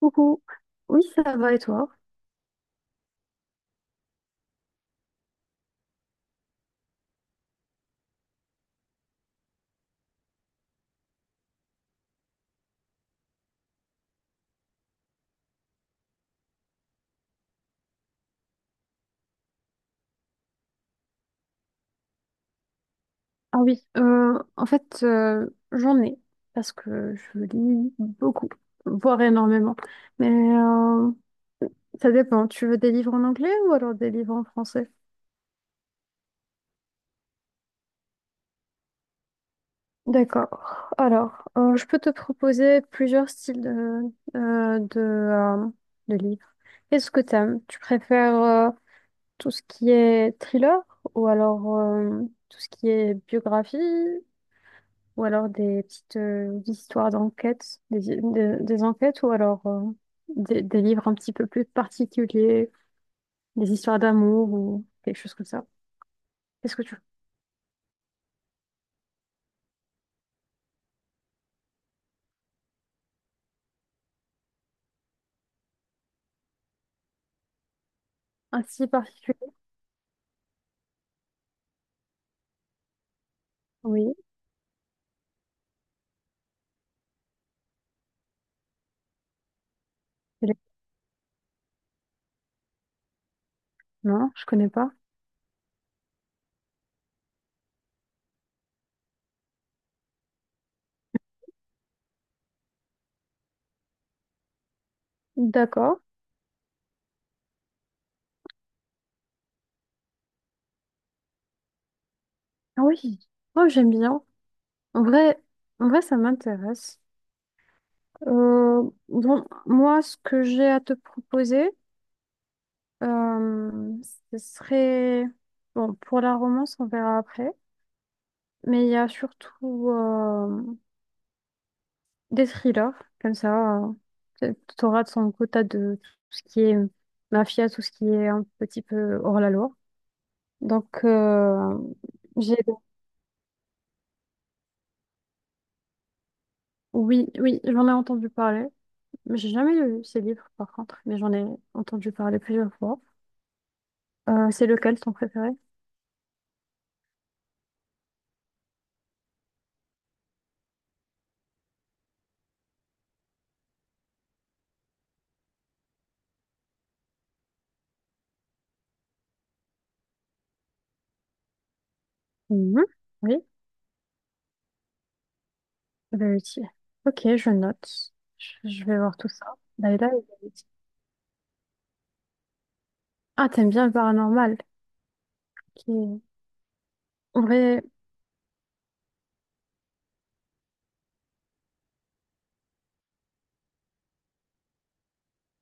Coucou. Oui, ça va et toi? Ah oui, en fait, j'en ai parce que je lis beaucoup, voire énormément. Mais ça dépend. Tu veux des livres en anglais ou alors des livres en français? D'accord. Alors, je peux te proposer plusieurs styles euh, de, euh, de livres. Qu'est-ce que t'aimes? Tu préfères tout ce qui est thriller ou alors tout ce qui est biographie ou alors des petites histoires d'enquête, des enquêtes, ou alors des livres un petit peu plus particuliers, des histoires d'amour ou quelque chose comme ça. Qu'est-ce que tu... Un si particulier? Oui. Non, je connais pas. D'accord. Ah, oui. Oh, j'aime bien. En vrai, en vrai, ça m'intéresse. Bon, moi, ce que j'ai à te proposer, euh, ce serait... Bon, pour la romance, on verra après. Mais il y a surtout... des thrillers, comme ça, t'auras de son quota de tout ce qui est mafia, tout ce qui est un petit peu hors la loi. Donc, j'ai, oui, oui, j'en ai entendu parler. Mais j'ai jamais lu ces livres, par contre, mais j'en ai entendu parler plusieurs fois. C'est lequel ton préféré? Mhm. Oui, Verity. Ok, je note. Je vais voir tout ça. Layla et Verity. Ah, t'aimes bien le paranormal, qui est... En vrai,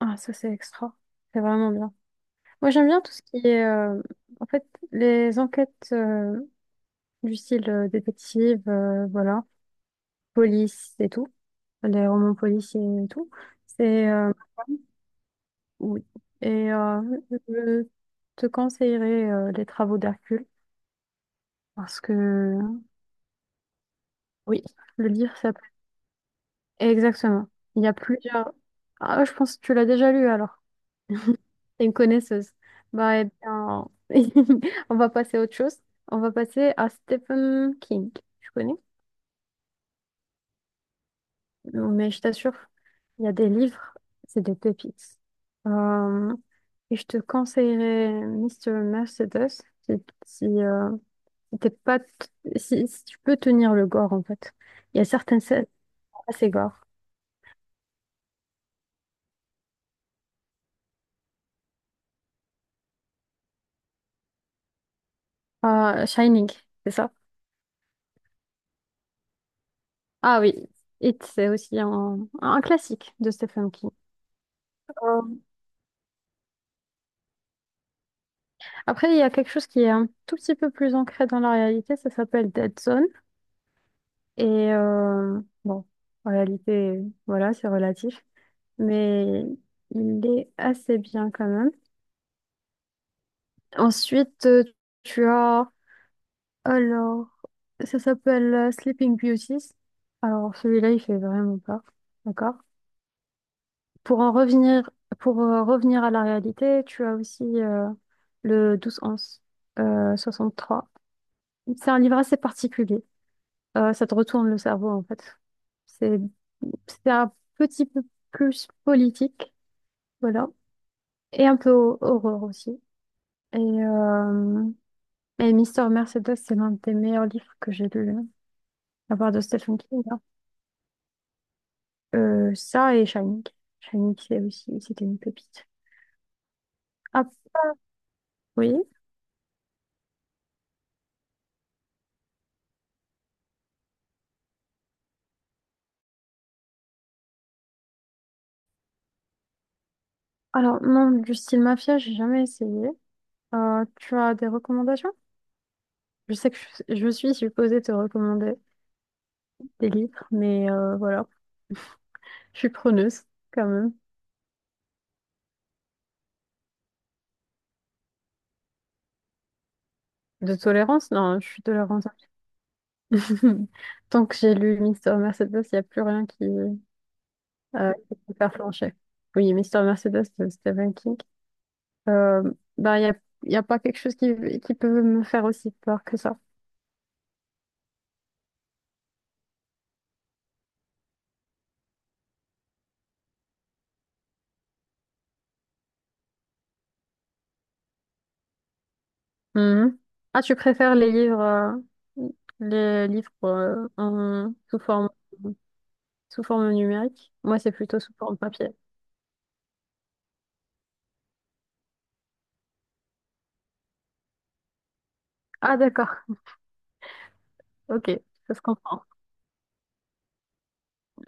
ah, ça c'est extra. C'est vraiment bien. Moi, j'aime bien tout ce qui est, en fait, les enquêtes du style détective, voilà, police et tout, les romans policiers et tout. C'est, oui. Et je te conseillerais les travaux d'Hercule parce que, oui, le livre s'appelle. Exactement. Il y a plusieurs. Ah, je pense que tu l'as déjà lu alors. T'es une connaisseuse. Bah, eh bien, on va passer à autre chose. On va passer à Stephen King. Tu connais? Non, mais je t'assure, il y a des livres, c'est des pépites. Euh, et je te conseillerais Mister Mercedes si, si, euh, si t'es pas t- si tu peux tenir le gore, en fait. Il y a certaines scènes assez gore. Shining, c'est ça? Ah oui, It, c'est aussi un classique de Stephen King. Euh, Après, il y a quelque chose qui est un tout petit peu plus ancré dans la réalité, ça s'appelle Dead Zone. Et bon, en réalité, voilà, c'est relatif. Mais il est assez bien quand même. Ensuite, tu as... Alors, ça s'appelle Sleeping Beauties. Alors, celui-là, il fait vraiment peur. D'accord? Pour en revenir, pour revenir à la réalité, tu as aussi le douze 11 euh, trois. C'est un livre assez particulier. Ça te retourne le cerveau, en fait. C'est c'est un petit peu plus politique, voilà. Et un peu horreur aussi. Et, euh, Mais Mister Mercedes, c'est l'un des meilleurs livres que j'ai lu, hein, à part de Stephen King, hein. Ça et Shining. Shining, c'est aussi, c'était une pépite. Ah oui. Alors, non, du style mafia, j'ai jamais essayé. Tu as des recommandations? Je sais que je suis supposée te recommander des livres, mais voilà, je suis preneuse quand même. De tolérance? Non, je suis tolérante. Tant que j'ai lu Mister Mercedes, il n'y a plus rien qui peut me faire flancher. Oui, Mister Mercedes de Stephen King. Euh, ben, y a pas quelque chose qui peut me faire aussi peur que ça. Mhm. Ah, tu préfères les livres sous forme numérique? Moi, c'est plutôt sous forme papier. Ah, d'accord. Ok, ça se comprend.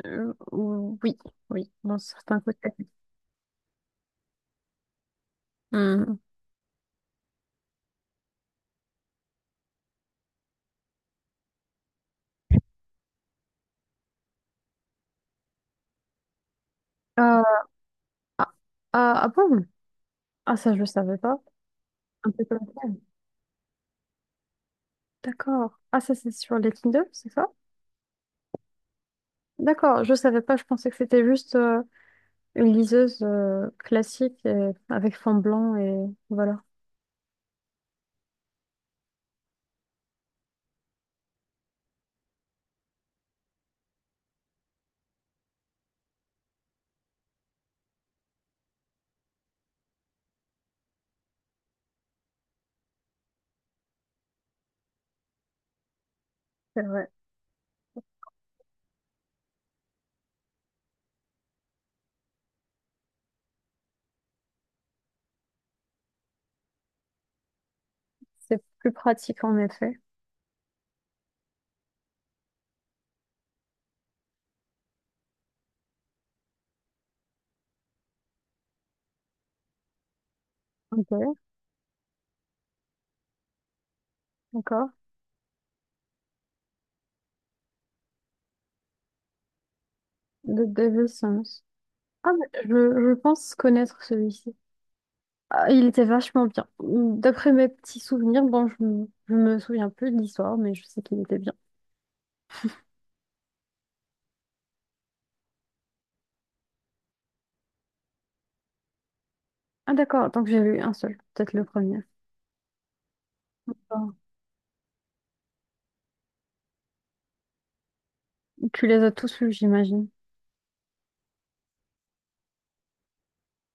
Euh, oui, oui, dans certains côtés. Mhm. Euh, ah, ah bon? Ah, ça, je ne savais pas. Un peu comme ça. D'accord. Ah, ça, c'est sur les Kindle, c'est ça? D'accord, je savais pas. Je pensais que c'était juste une liseuse classique avec fond blanc et voilà. C'est vrai. C'est plus pratique en effet. Ok, d'accord. De David Sims. Ah, mais je pense connaître celui-ci. Ah, il était vachement bien. D'après mes petits souvenirs, bon, je me souviens plus de l'histoire, mais je sais qu'il était bien. Ah, d'accord, donc j'ai lu un seul, peut-être le premier. Ah. Tu les as tous lus, j'imagine.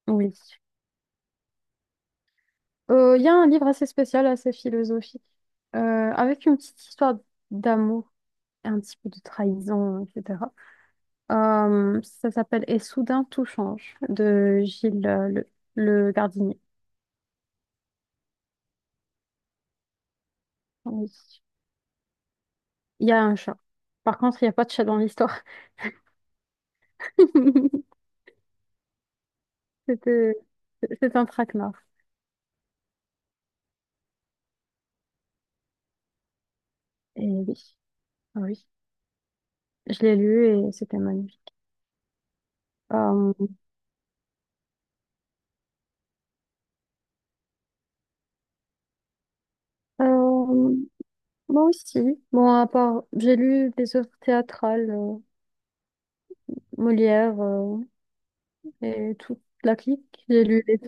Oui. Il y a un livre assez spécial, assez philosophique, avec une petite histoire d'amour, et un petit peu de trahison, etc. Ça s'appelle Et soudain tout change de Gilles le Gardinier. Oui. Il y a un chat. Par contre, il n'y a pas de chat dans l'histoire. C'était, c'est un traquenard. Et oui, ah oui, je l'ai lu et c'était magnifique. Euh, euh, Moi aussi. Bon, à part, j'ai lu des œuvres théâtrales, Molière et toute la clique. J'ai lu les,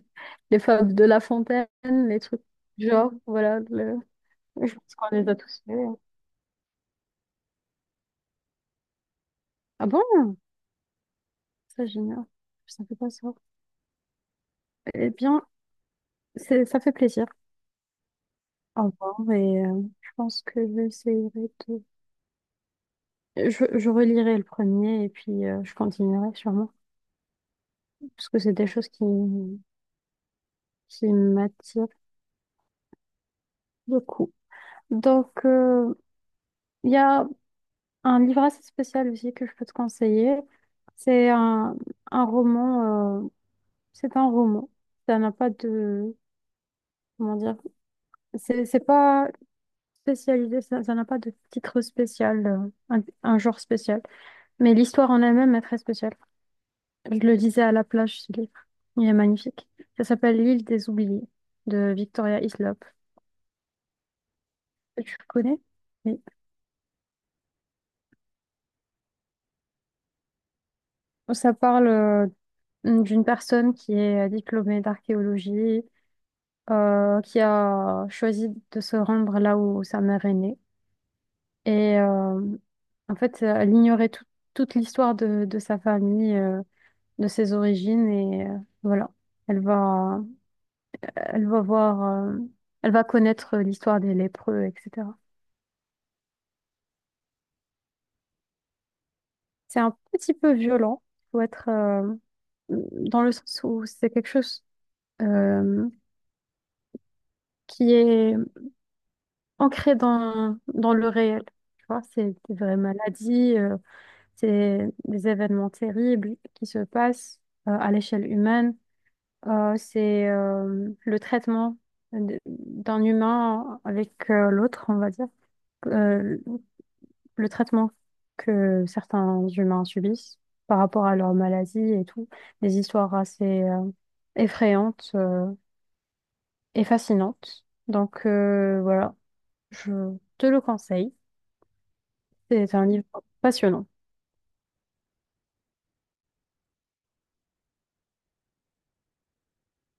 les fables de La Fontaine, les trucs du genre, voilà. Je pense qu'on les a tous lus. Ah bon? Ça, génial. Je savais pas ça. Eh bien, ça fait plaisir. Au revoir et je pense que j'essaierai Je, je relirai le premier et puis je continuerai sûrement, parce que c'est des choses qui m'attirent beaucoup. Donc, il y a un livre assez spécial aussi que je peux te conseiller. C'est un, un roman, euh, c'est un roman. Ça n'a pas de, comment dire, c'est pas spécialisé, ça ça n'a pas de titre spécial, un genre spécial. Mais l'histoire en elle-même est très spéciale. Je le disais à la plage, ce livre. Il est magnifique. Ça s'appelle L'île des oubliés de Victoria Hislop. Tu le connais? Oui. Ça parle d'une personne qui est diplômée d'archéologie, qui a choisi de se rendre là où sa mère est née. Et en fait, elle ignorait toute l'histoire de sa famille, de ses origines. Et voilà, elle va, elle va voir, elle va connaître l'histoire des lépreux, etc. C'est un petit peu violent. Faut être dans le sens où c'est quelque chose euh, qui est ancré dans le réel. Tu vois, c'est des vraies maladies, c'est des événements terribles qui se passent à l'échelle humaine. C'est le traitement d'un humain avec l'autre, on va dire. Euh, le traitement que certains humains subissent par rapport à leur maladie et tout, des histoires assez effrayantes et fascinantes. Donc voilà, je te le conseille. C'est un livre passionnant.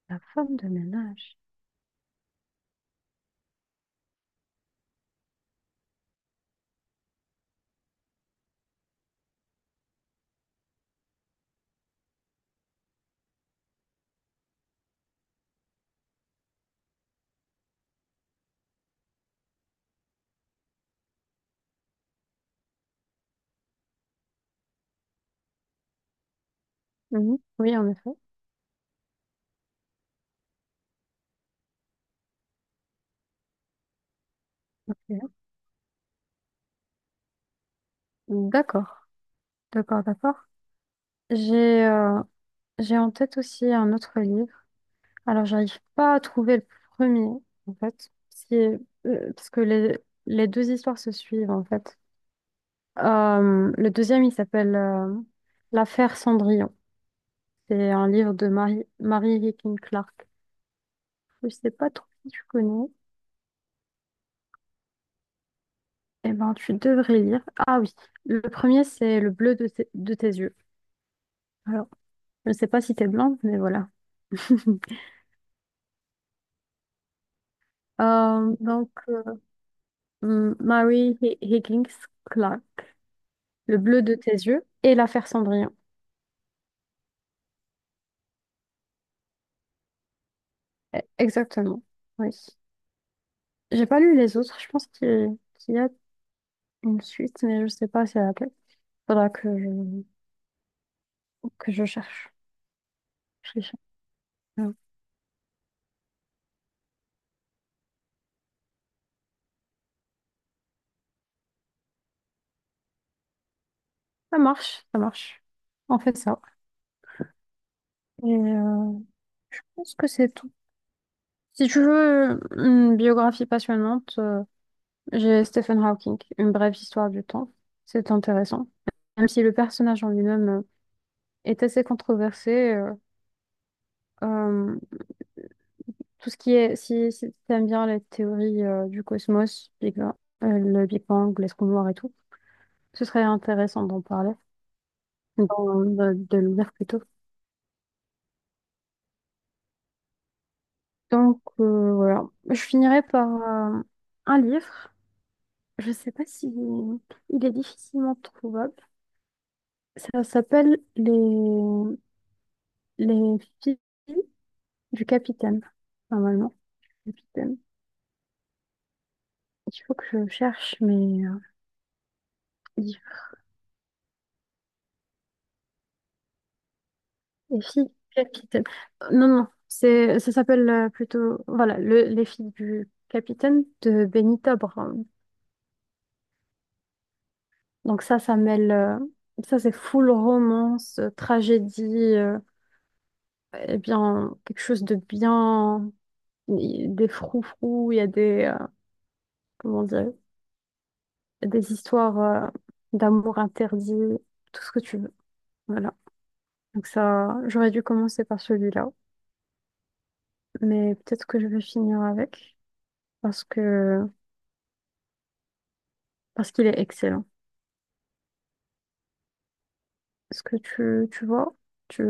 La femme de ménage. Mhm. Oui, en effet. Ok. D'accord, d'accord, d'accord. J'ai euh, j'ai en tête aussi un autre livre. Alors, j'arrive pas à trouver le premier, en fait, parce que les deux histoires se suivent, en fait. Le deuxième, il s'appelle L'affaire Cendrillon. C'est un livre de Mary Higgin Clark. Je sais pas trop si tu connais. Eh ben, tu devrais lire. Ah oui, le premier, c'est Le bleu de tes yeux. Alors, je ne sais pas si t'es blanc, mais voilà. Donc, Mary Higgins Clark, Le bleu de tes yeux et L'affaire Cendrillon. Eh, exactement, oui. J'ai pas lu les autres. Je pense qu'il y a une suite, mais je sais pas si elle a laquelle. Faudra que je cherche. Je cherche. Ouais. Ça marche, ça marche. On fait ça. Et je pense que c'est tout. Si tu veux une biographie passionnante, j'ai Stephen Hawking, Une brève histoire du temps. C'est intéressant. Même si le personnage en lui-même est assez controversé, euh, tout ce qui est, si tu aimes bien les théories du cosmos, le Big Bang, les trous noirs et tout, ce serait intéressant d'en parler, de le lire plutôt. Donc voilà, je finirai par un livre. Je sais pas si il est difficilement trouvable. Ça s'appelle Les filles du capitaine. Normalement, capitaine. Il faut que je cherche mes livres. Les filles du capitaine. Non non, c'est ça s'appelle plutôt voilà Les filles du capitaine de Benita Brown. Donc ça c'est full romance, tragédie. euh, eh bien, quelque chose de bien, des froufrous, il y a des, comment dire, des histoires d'amour interdit, tout ce que tu veux. Voilà. Donc ça, j'aurais dû commencer par celui-là, mais peut-être que je vais finir avec parce que parce qu'il est excellent. Est-ce que tu vois, tu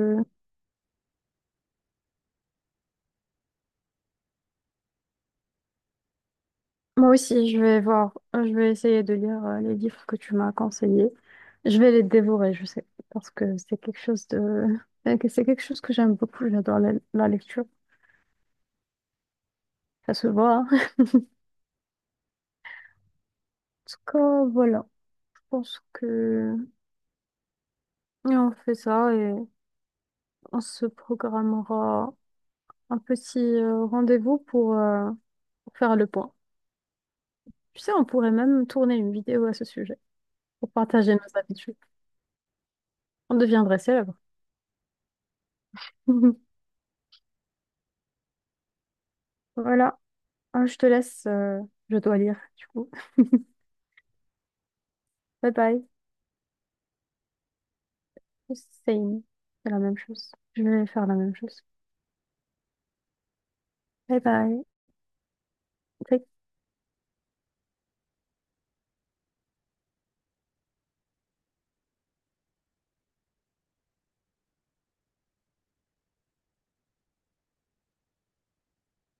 Moi aussi, je vais voir, je vais essayer de lire les livres que tu m'as conseillés. Je vais les dévorer, je sais, parce que c'est quelque chose de, que c'est quelque chose que j'aime beaucoup. J'adore la lecture, ça se voit. hein. En tout cas, voilà, je pense que et on fait ça et on se programmera un petit rendez-vous pour faire le point. Tu sais, on pourrait même tourner une vidéo à ce sujet pour partager nos habitudes. On deviendrait célèbre. Voilà. Je te laisse, je dois lire, du coup. Bye bye. Same. C'est la même chose. Je vais faire la même chose. Bye bye. Take